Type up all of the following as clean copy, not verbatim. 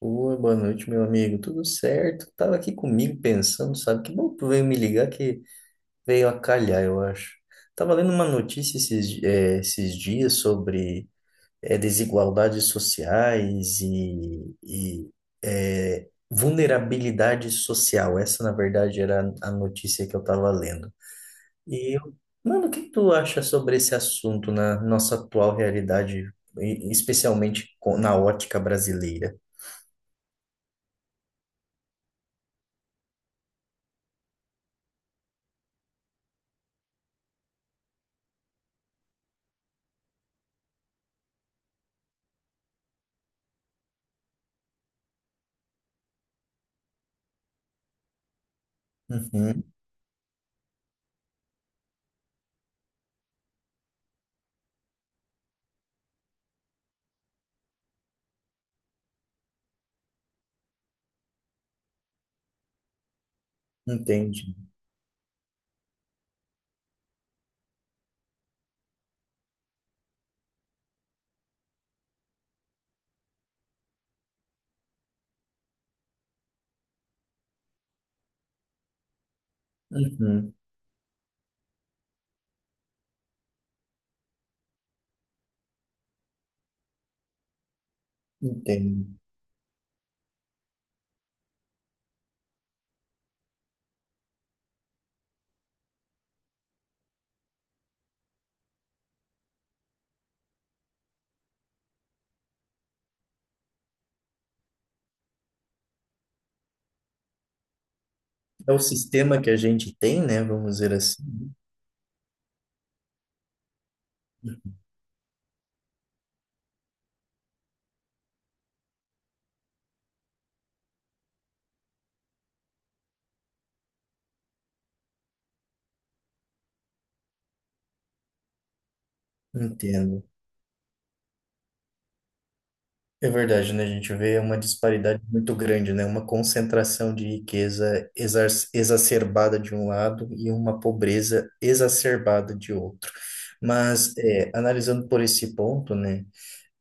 Oi, boa noite, meu amigo. Tudo certo? Tava aqui comigo pensando, sabe? Que bom que tu veio me ligar que veio a calhar, eu acho. Tava lendo uma notícia esses, esses dias sobre desigualdades sociais e vulnerabilidade social. Essa, na verdade, era a notícia que eu tava lendo. E, eu- Mano, o que tu acha sobre esse assunto na nossa atual realidade, especialmente na ótica brasileira? Uhum, entendi. Uhum, entendo. É o sistema que a gente tem, né? Vamos dizer assim. Entendo. É verdade, né? A gente vê uma disparidade muito grande, né? Uma concentração de riqueza exacerbada de um lado e uma pobreza exacerbada de outro. Mas, é, analisando por esse ponto, né?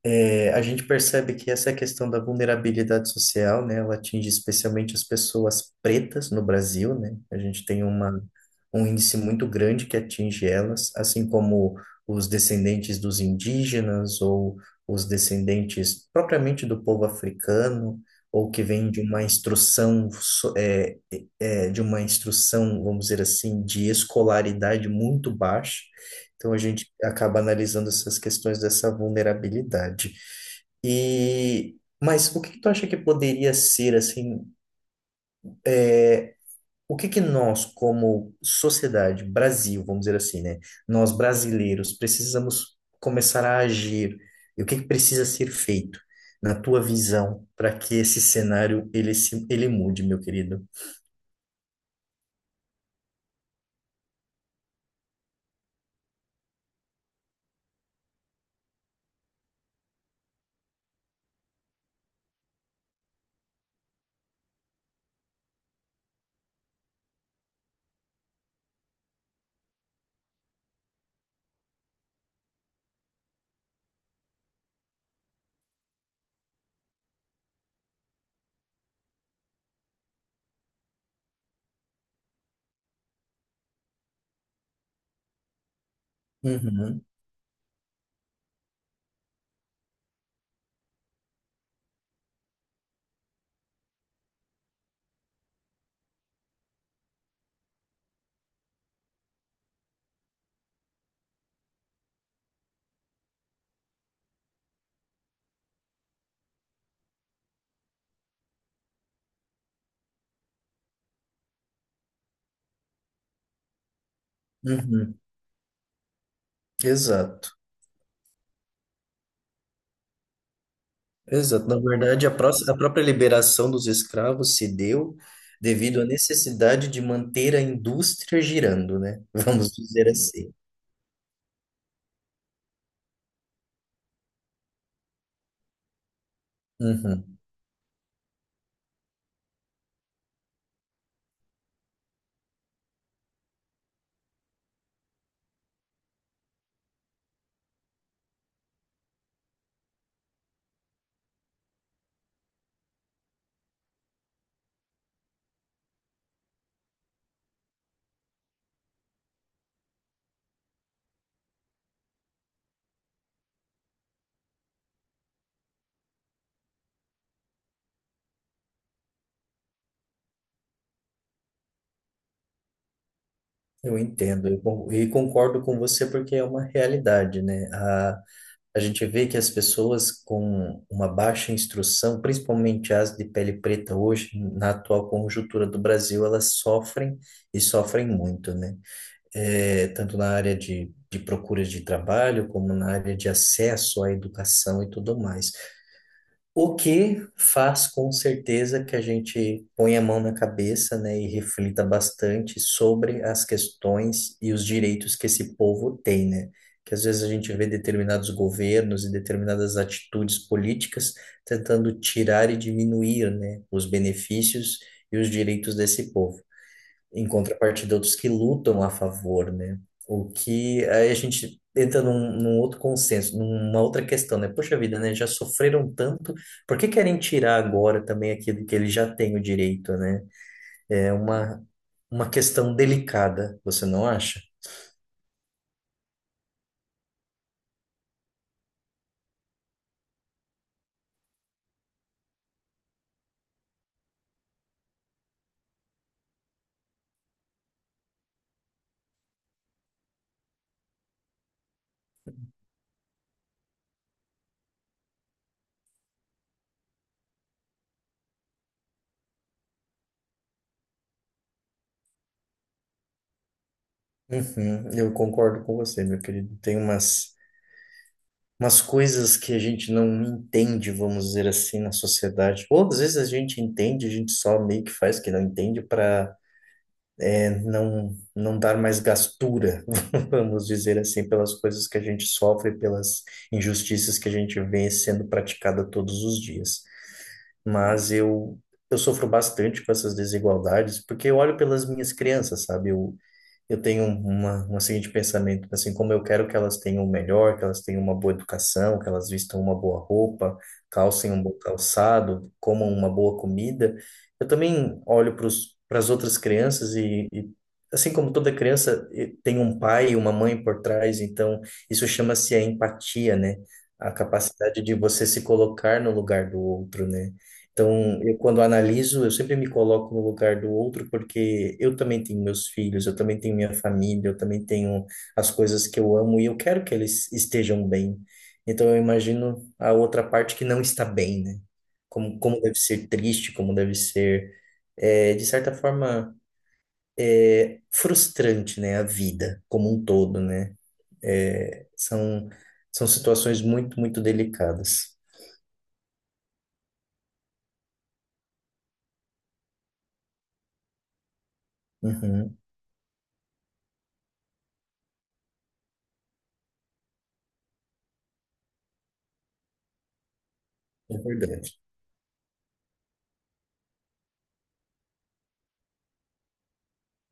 É, a gente percebe que essa questão da vulnerabilidade social, né, ela atinge especialmente as pessoas pretas no Brasil, né? A gente tem uma, um índice muito grande que atinge elas, assim como os descendentes dos indígenas ou os descendentes propriamente do povo africano, ou que vem de uma instrução, de uma instrução, vamos dizer assim, de escolaridade muito baixa. Então a gente acaba analisando essas questões dessa vulnerabilidade. E mas o que que tu acha que poderia ser assim, é, o que que nós como sociedade, Brasil, vamos dizer assim, né? Nós brasileiros precisamos começar a agir. E o que que precisa ser feito na tua visão para que esse cenário ele se ele mude, meu querido? Uhum, uhum, exato. Exato. Na verdade, a própria liberação dos escravos se deu devido à necessidade de manter a indústria girando, né? Vamos dizer assim. Uhum. Eu entendo e concordo com você porque é uma realidade, né? A gente vê que as pessoas com uma baixa instrução, principalmente as de pele preta hoje, na atual conjuntura do Brasil, elas sofrem e sofrem muito, né? É, tanto na área de procura de trabalho, como na área de acesso à educação e tudo mais. O que faz com certeza que a gente ponha a mão na cabeça, né, e reflita bastante sobre as questões e os direitos que esse povo tem, né? Que às vezes a gente vê determinados governos e determinadas atitudes políticas tentando tirar e diminuir, né, os benefícios e os direitos desse povo, em contrapartida outros que lutam a favor, né? O que aí a gente entra num outro consenso, numa outra questão, né? Poxa vida, né? Já sofreram tanto, por que querem tirar agora também aquilo que eles já têm o direito, né? É uma questão delicada, você não acha? Uhum, eu concordo com você, meu querido. Tem umas, umas coisas que a gente não entende, vamos dizer assim, na sociedade. Ou às vezes a gente entende, a gente só meio que faz que não entende para não dar mais gastura, vamos dizer assim, pelas coisas que a gente sofre, pelas injustiças que a gente vê sendo praticada todos os dias. Mas eu, eu sofro bastante com essas desigualdades, porque eu olho pelas minhas crianças, sabe? Eu tenho uma seguinte pensamento, assim, como eu quero que elas tenham o melhor, que elas tenham uma boa educação, que elas vistam uma boa roupa, calcem um bom calçado, comam uma boa comida, eu também olho para as outras crianças e assim como toda criança, tem um pai e uma mãe por trás, então isso chama-se a empatia, né? A capacidade de você se colocar no lugar do outro, né? Então, eu quando analiso, eu sempre me coloco no lugar do outro, porque eu também tenho meus filhos, eu também tenho minha família, eu também tenho as coisas que eu amo e eu quero que eles estejam bem. Então, eu imagino a outra parte que não está bem, né? Como, como deve ser triste, como deve ser, de certa forma, frustrante, né? A vida como um todo, né? É, são, são situações muito, muito delicadas. Uhum, é verdade.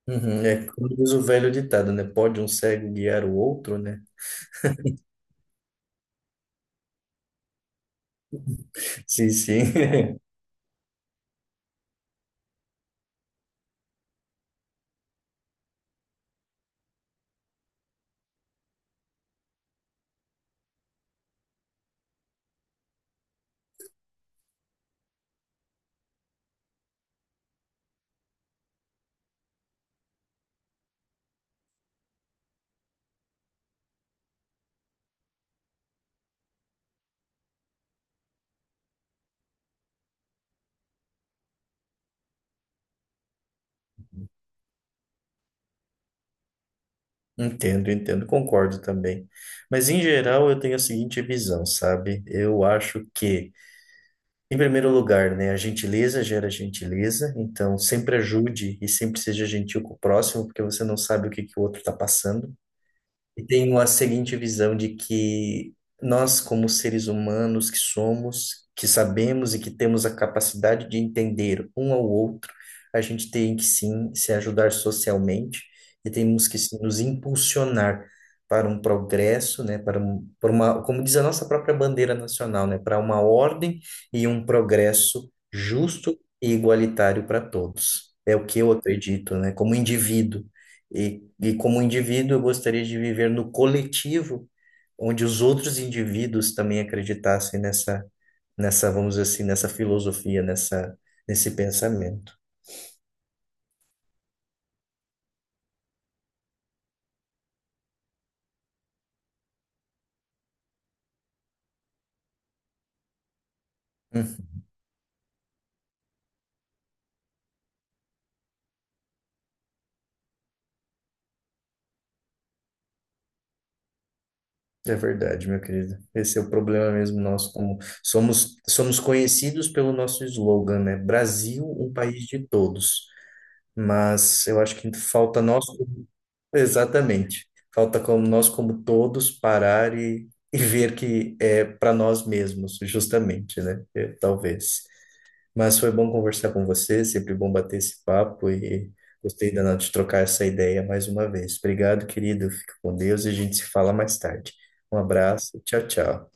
Uhum, é como diz o velho ditado, né? Pode um cego guiar o outro, né? Sim, sim. Entendo, entendo, concordo também. Mas em geral eu tenho a seguinte visão, sabe? Em primeiro lugar, né, a gentileza gera gentileza, então sempre ajude e sempre seja gentil com o próximo, porque você não sabe o que que o outro está passando. E tenho a seguinte visão de que nós, como seres humanos que somos, que sabemos e que temos a capacidade de entender um ao outro, a gente tem que sim se ajudar socialmente e temos que sim, nos impulsionar para um progresso, né, para uma, como diz a nossa própria bandeira nacional, né, para uma ordem e um progresso justo e igualitário para todos. É o que eu acredito, né, como indivíduo. E como indivíduo, eu gostaria de viver no coletivo, onde os outros indivíduos também acreditassem nessa vamos dizer assim, nessa filosofia, nesse pensamento. Hum, é verdade, meu querido. Esse é o problema mesmo nosso, como somos, somos conhecidos pelo nosso slogan, né? Brasil, um país de todos. Mas eu acho que falta nós. Exatamente. Falta como nós, como todos, parar e ver que é para nós mesmos, justamente, né? É, talvez. Mas foi bom conversar com você, sempre bom bater esse papo e gostei danado de trocar essa ideia mais uma vez. Obrigado, querido. Fica com Deus e a gente se fala mais tarde. Um abraço, tchau, tchau.